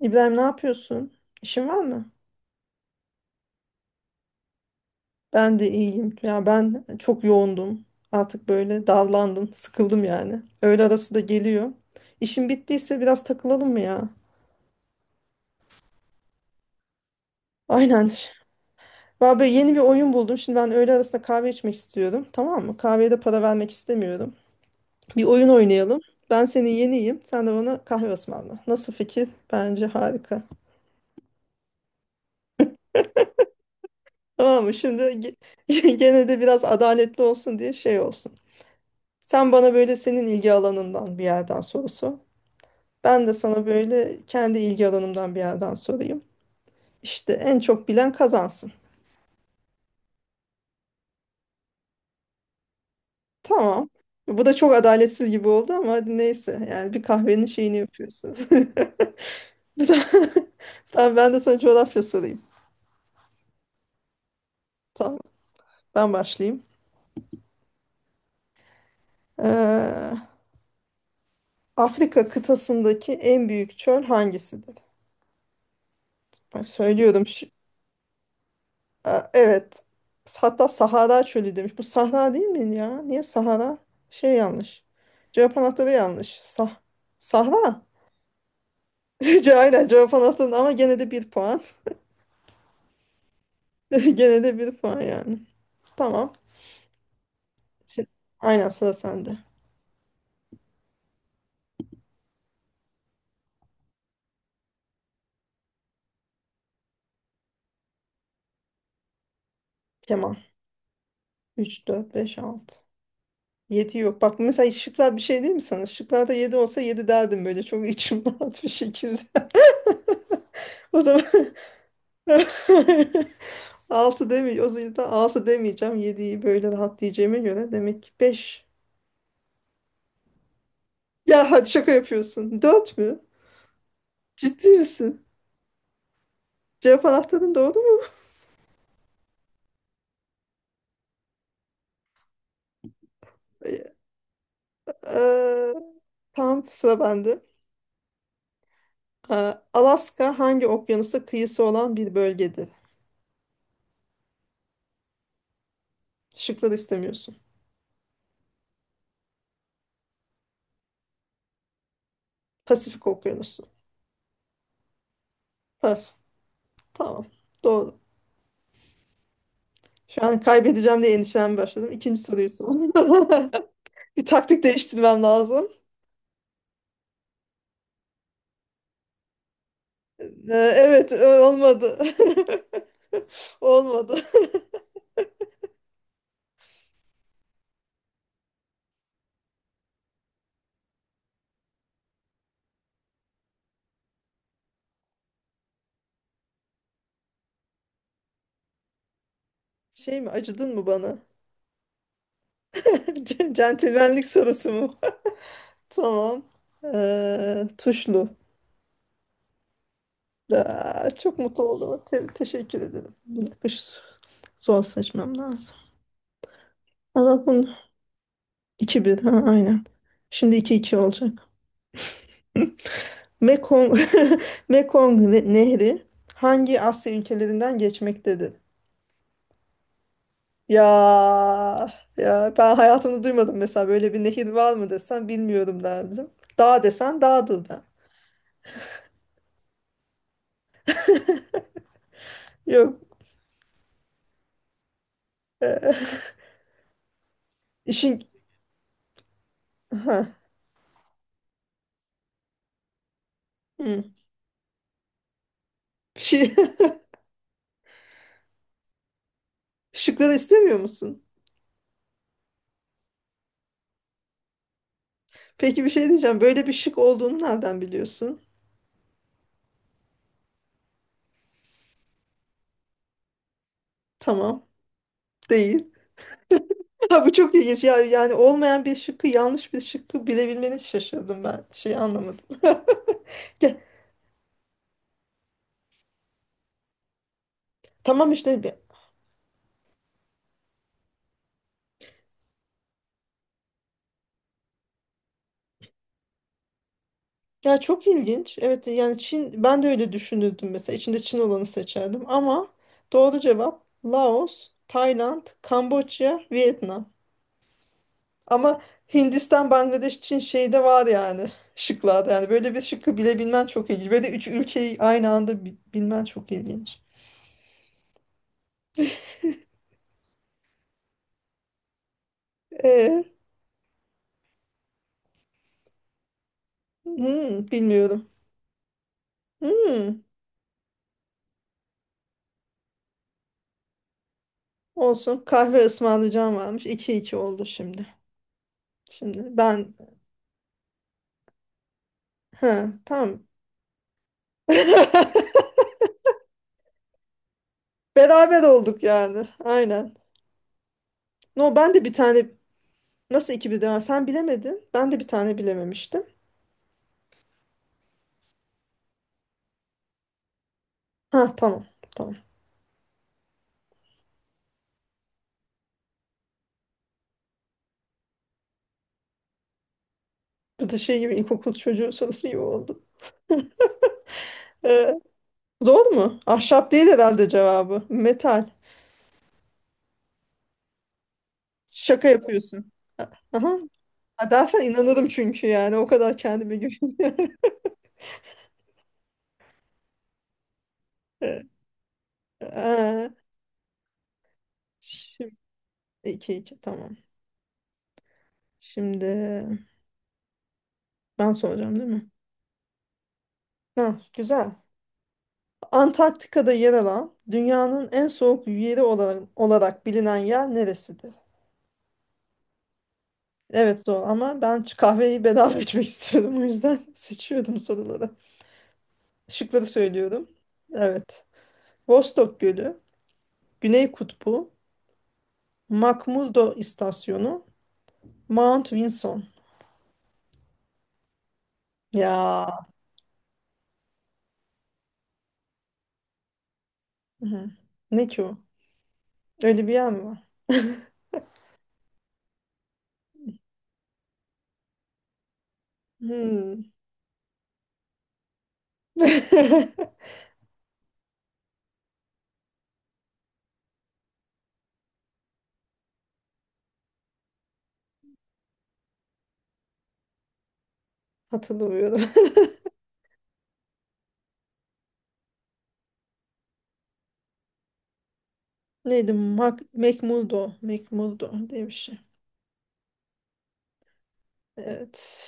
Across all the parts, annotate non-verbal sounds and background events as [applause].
İbrahim ne yapıyorsun? İşin var mı? Ben de iyiyim. Ya ben çok yoğundum. Artık böyle dallandım, sıkıldım yani. Öğle arası da geliyor. İşin bittiyse biraz takılalım mı ya? Aynen. [laughs] Vallahi böyle yeni bir oyun buldum. Şimdi ben öğle arasında kahve içmek istiyorum. Tamam mı? Kahveye de para vermek istemiyorum. Bir oyun oynayalım. Ben senin yeniyim. Sen de bana kahve ısmarla. Nasıl fikir? Bence harika. Tamam mı? Şimdi [laughs] gene de biraz adaletli olsun diye şey olsun. Sen bana böyle senin ilgi alanından bir yerden soru sor. Ben de sana böyle kendi ilgi alanımdan bir yerden sorayım. İşte en çok bilen kazansın. Tamam. Bu da çok adaletsiz gibi oldu ama hadi neyse. Yani bir kahvenin şeyini yapıyorsun. [laughs] Bu da- [laughs] Tamam ben de sana coğrafya sorayım. Tamam, ben başlayayım. Ee, Afrika kıtasındaki en büyük çöl hangisidir? Ben söylüyorum. Aa, evet. Hatta Sahara çölü demiş. Bu Sahra değil mi ya? Niye Sahara? Şey yanlış. Cevap anahtarı yanlış. Sah Sahra. [laughs] Aynen cevap anahtarı ama gene de bir puan. [laughs] Gene de bir puan yani. Tamam. Şimdi, aynen sıra sende. Kemal. Üç dört beş 6. 7 yok. Bak mesela şıklar bir şey değil mi sana? Şıklarda 7 olsa 7 derdim böyle. Çok içim [laughs] rahat bir şekilde. [laughs] O zaman [laughs] [laughs] altı demeyeceğim. O yüzden altı demeyeceğim. Yediyi böyle rahat diyeceğime göre demek ki beş. Ya hadi şaka yapıyorsun. Dört mü? Ciddi misin? Cevap anahtarın doğru mu? Ee, tamam sıra bende. Ee, Alaska hangi okyanusa kıyısı olan bir bölgedir? Şıkları istemiyorsun. Pasifik Okyanusu. Pas. Tamam. Doğru. Şu an kaybedeceğim diye endişelenmeye başladım. İkinci soruyu sor. [laughs] Bir taktik değiştirmem lazım. Ee, Evet, olmadı. [laughs] Olmadı. [laughs] Şey mi, acıdın mı bana? [laughs] Centilmenlik sorusu mu? [laughs] Tamam. Tuşlu. Aa, çok mutlu oldum. Teşekkür ederim. Bir dakika şu zor seçmem lazım. Allah bunu iki bir. Ha, aynen. Şimdi iki iki olacak. Mekong, [laughs] Mekong Nehri hangi Asya ülkelerinden geçmektedir? Ya ya ben hayatımda duymadım mesela böyle bir nehir var mı desen bilmiyorum derdim. Dağ desen dağdır da. Yok. eee, işin ha. Hı. Şey, [laughs] şıkları istemiyor musun? Peki bir şey diyeceğim. Böyle bir şık olduğunu nereden biliyorsun? Tamam. Değil. [laughs] Ha, bu çok ilginç. Ya, yani olmayan bir şıkkı yanlış bir şıkkı bilebilmeni şaşırdım ben. Şey anlamadım. [laughs] Gel. Tamam işte. Ya çok ilginç. Evet yani Çin, ben de öyle düşünürdüm mesela içinde Çin olanı seçerdim ama doğru cevap Laos, Tayland, Kamboçya, Vietnam. Ama Hindistan, Bangladeş, Çin şeyde var yani [laughs] şıklarda yani böyle bir şıkkı bilebilmen çok ilginç. Böyle üç ülkeyi aynı anda bilmen çok ilginç. E, hmm, bilmiyorum. Hmm, olsun, kahve ısmarlayacağım varmış. İki iki oldu şimdi. Şimdi ben, ha tamam. [laughs] Beraber olduk yani. Aynen. No, ben de bir tane, nasıl iki bir sen bilemedin. Ben de bir tane bilememiştim. Ha tamam. Tamam. Bu da şey gibi ilkokul çocuğu sorusu gibi oldu. Ee, zor mu? Ahşap değil herhalde cevabı. Metal. Şaka yapıyorsun. A- Aha. Ha, dersen inanırım çünkü yani o kadar kendime güveniyorum. [laughs] Ee, e, Şimdi iki iki tamam. Şimdi ben soracağım değil mi? Ha, güzel. Antarktika'da yer alan dünyanın en soğuk yeri olarak bilinen yer neresidir? Evet doğru ama ben şu kahveyi bedava içmek istiyorum o yüzden [laughs] seçiyordum soruları. Şıkları söylüyorum. Evet. Vostok Gölü, Güney Kutbu, McMurdo İstasyonu, Mount Vinson. Ya. Hı. Ne ki o? Öyle bir yer mi var? Hmm. [laughs] Hatırlamıyorum. [laughs] Neydi? Mac McMurdo. McMurdo diye bir şey. Evet.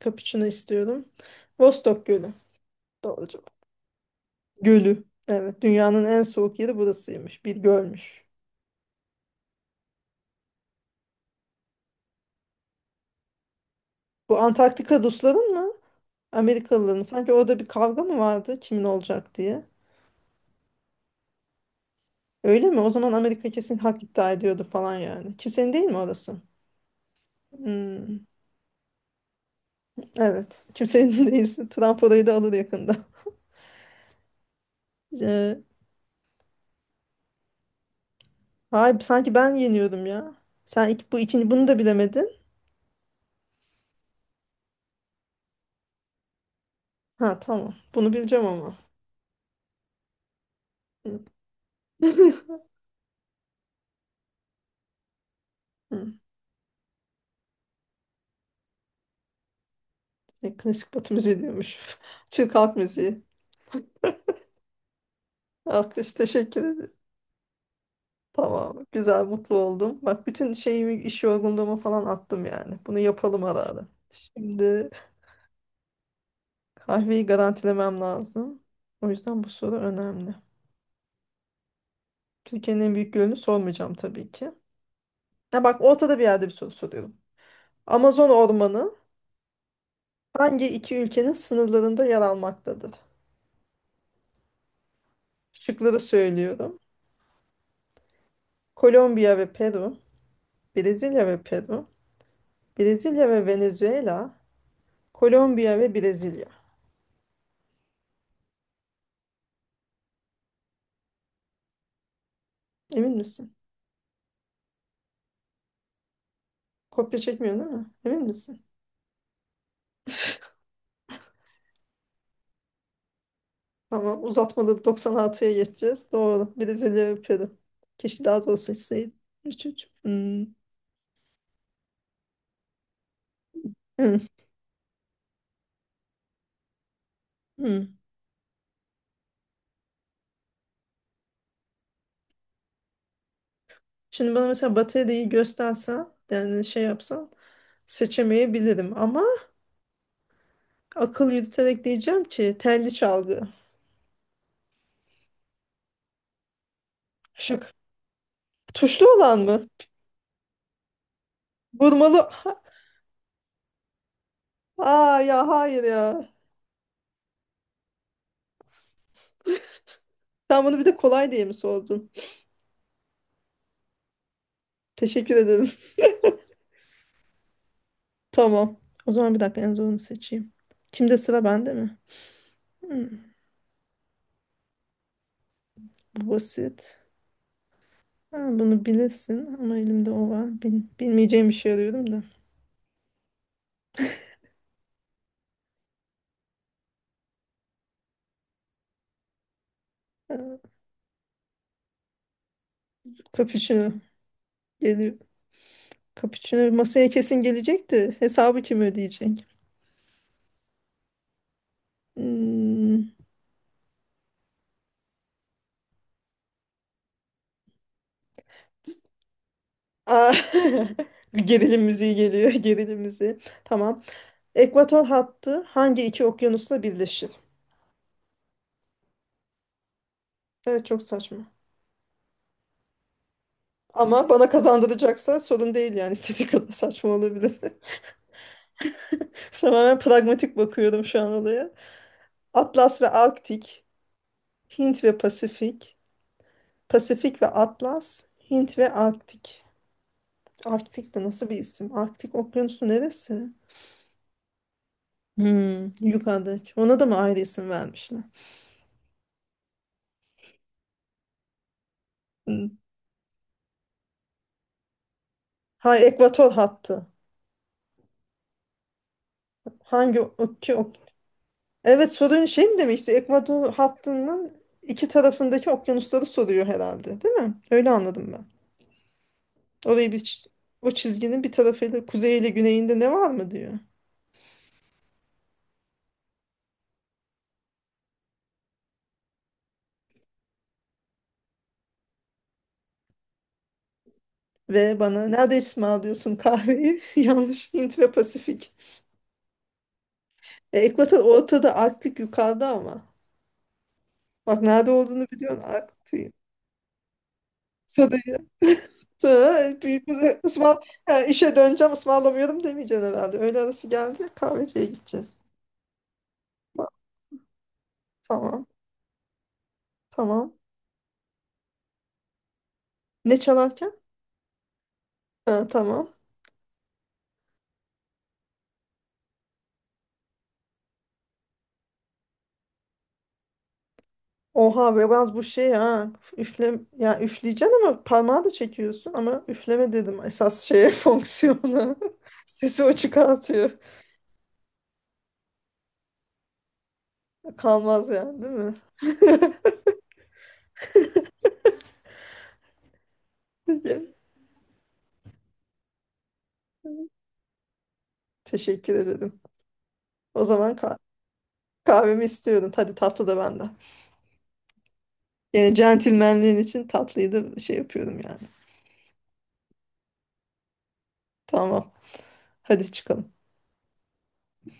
Kapuçino istiyorum. Vostok Gölü. Doğru cevap. Gölü. Evet. Dünyanın en soğuk yeri burasıymış. Bir gölmüş. Bu Antarktika Rusların mı? Amerikalıların mı? Sanki orada bir kavga mı vardı kimin olacak diye. Öyle mi? O zaman Amerika kesin hak iddia ediyordu falan yani. Kimsenin değil mi orası? Hmm. Evet. Kimsenin [laughs] değilse Trump orayı da alır yakında. [laughs] Ee, hayır, sanki ben yeniyordum ya. Sen ilk, bu ikinci, bunu da bilemedin. Ha tamam. Bunu bileceğim ama. Hı. [laughs] Hı. E, klasik Batı müziği diyormuş. [laughs] Türk halk müziği. Alkış, teşekkür ederim. Tamam. Güzel, mutlu oldum. Bak bütün şeyimi, iş yorgunluğumu falan attım yani. Bunu yapalım ara ara. Şimdi kahveyi garantilemem lazım. O yüzden bu soru önemli. Türkiye'nin en büyük gölünü sormayacağım tabii ki. Ha bak, ortada bir yerde bir soru soruyorum. Amazon ormanı hangi iki ülkenin sınırlarında yer almaktadır? Şıkları söylüyorum. Kolombiya ve Peru, Brezilya ve Peru, Brezilya ve Venezuela, Kolombiya ve Brezilya. Emin misin? Kopya çekmiyor değil mi? Emin misin? [laughs] Tamam, uzatmada 96'ya geçeceğiz. Doğru. Brezilya ve Peru. Keşke daha zor seçseydim. Üç, üç. Hmm. Hmm. Hmm. Şimdi bana mesela bataryayı göstersen yani şey yapsan seçemeyebilirim ama akıl yürüterek diyeceğim ki telli çalgı. Şık. Tuşlu olan mı? Vurmalı. Aa ya hayır ya. Sen bunu bir de kolay diye mi sordun? Teşekkür ederim. Tamam. O zaman bir dakika en zorunu seçeyim. Kimde, sıra bende mi? Hmm, bu basit. Ha, bunu bilirsin ama elimde o var. Bilmeyeceğim bir şey arıyorum da. Ee, Cappuccino geliyor. Cappuccino masaya kesin gelecekti. Hesabı kim ödeyecek? Hmm. Aa, [laughs] gerilim müziği geliyor. [laughs] Gerilim müziği. Tamam. Ekvator hattı hangi iki okyanusla birleşir? Evet çok saçma. Ama bana kazandıracaksa sorun değil yani. [laughs] İstediği kadar saçma olabilir. Tamamen pragmatik bakıyorum şu an olaya. Atlas ve Arktik, Hint ve Pasifik, Pasifik ve Atlas, Hint ve Arktik. Arktik de nasıl bir isim? Arktik okyanusu neresi? Hmm, yukarıdaki. Ona da mı ayrı isim vermişler? Hmm. Ha, ekvator hattı. Hangi okya ok. Evet, sorun şey mi demişti? Ekvator hattının iki tarafındaki okyanusları soruyor herhalde, değil mi? Öyle anladım ben. Orayı bir o çizginin bir tarafıyla, kuzeyiyle güneyinde ne var mı diyor. Ve bana nerede ısmarlıyorsun kahveyi? [laughs] Yanlış. Hint ve Pasifik. E, ekvator ortada, Arktik yukarıda ama. Bak nerede olduğunu biliyorsun Arktik. Sadece [laughs] sonra bir, bir ısmar, ha, işe döneceğim ısmarlamıyorum demeyeceksin herhalde. Öğle arası geldi, kahveciye gideceğiz. Ta- Tamam tamam. Ne çalarken? Ha, tamam. Oha biraz bu şey ha. Üfle, ya üfleyeceksin ama parmağı da çekiyorsun ama üfleme dedim esas şeye [laughs] fonksiyona. [laughs] Sesi o çıkartıyor. Kalmaz yani, değil mi? [laughs] Peki, teşekkür ederim. O zaman kahvemi istiyorum. Hadi tatlı da benden. Yine centilmenliğin için tatlıyı da şey yapıyorum yani. Tamam. Hadi çıkalım.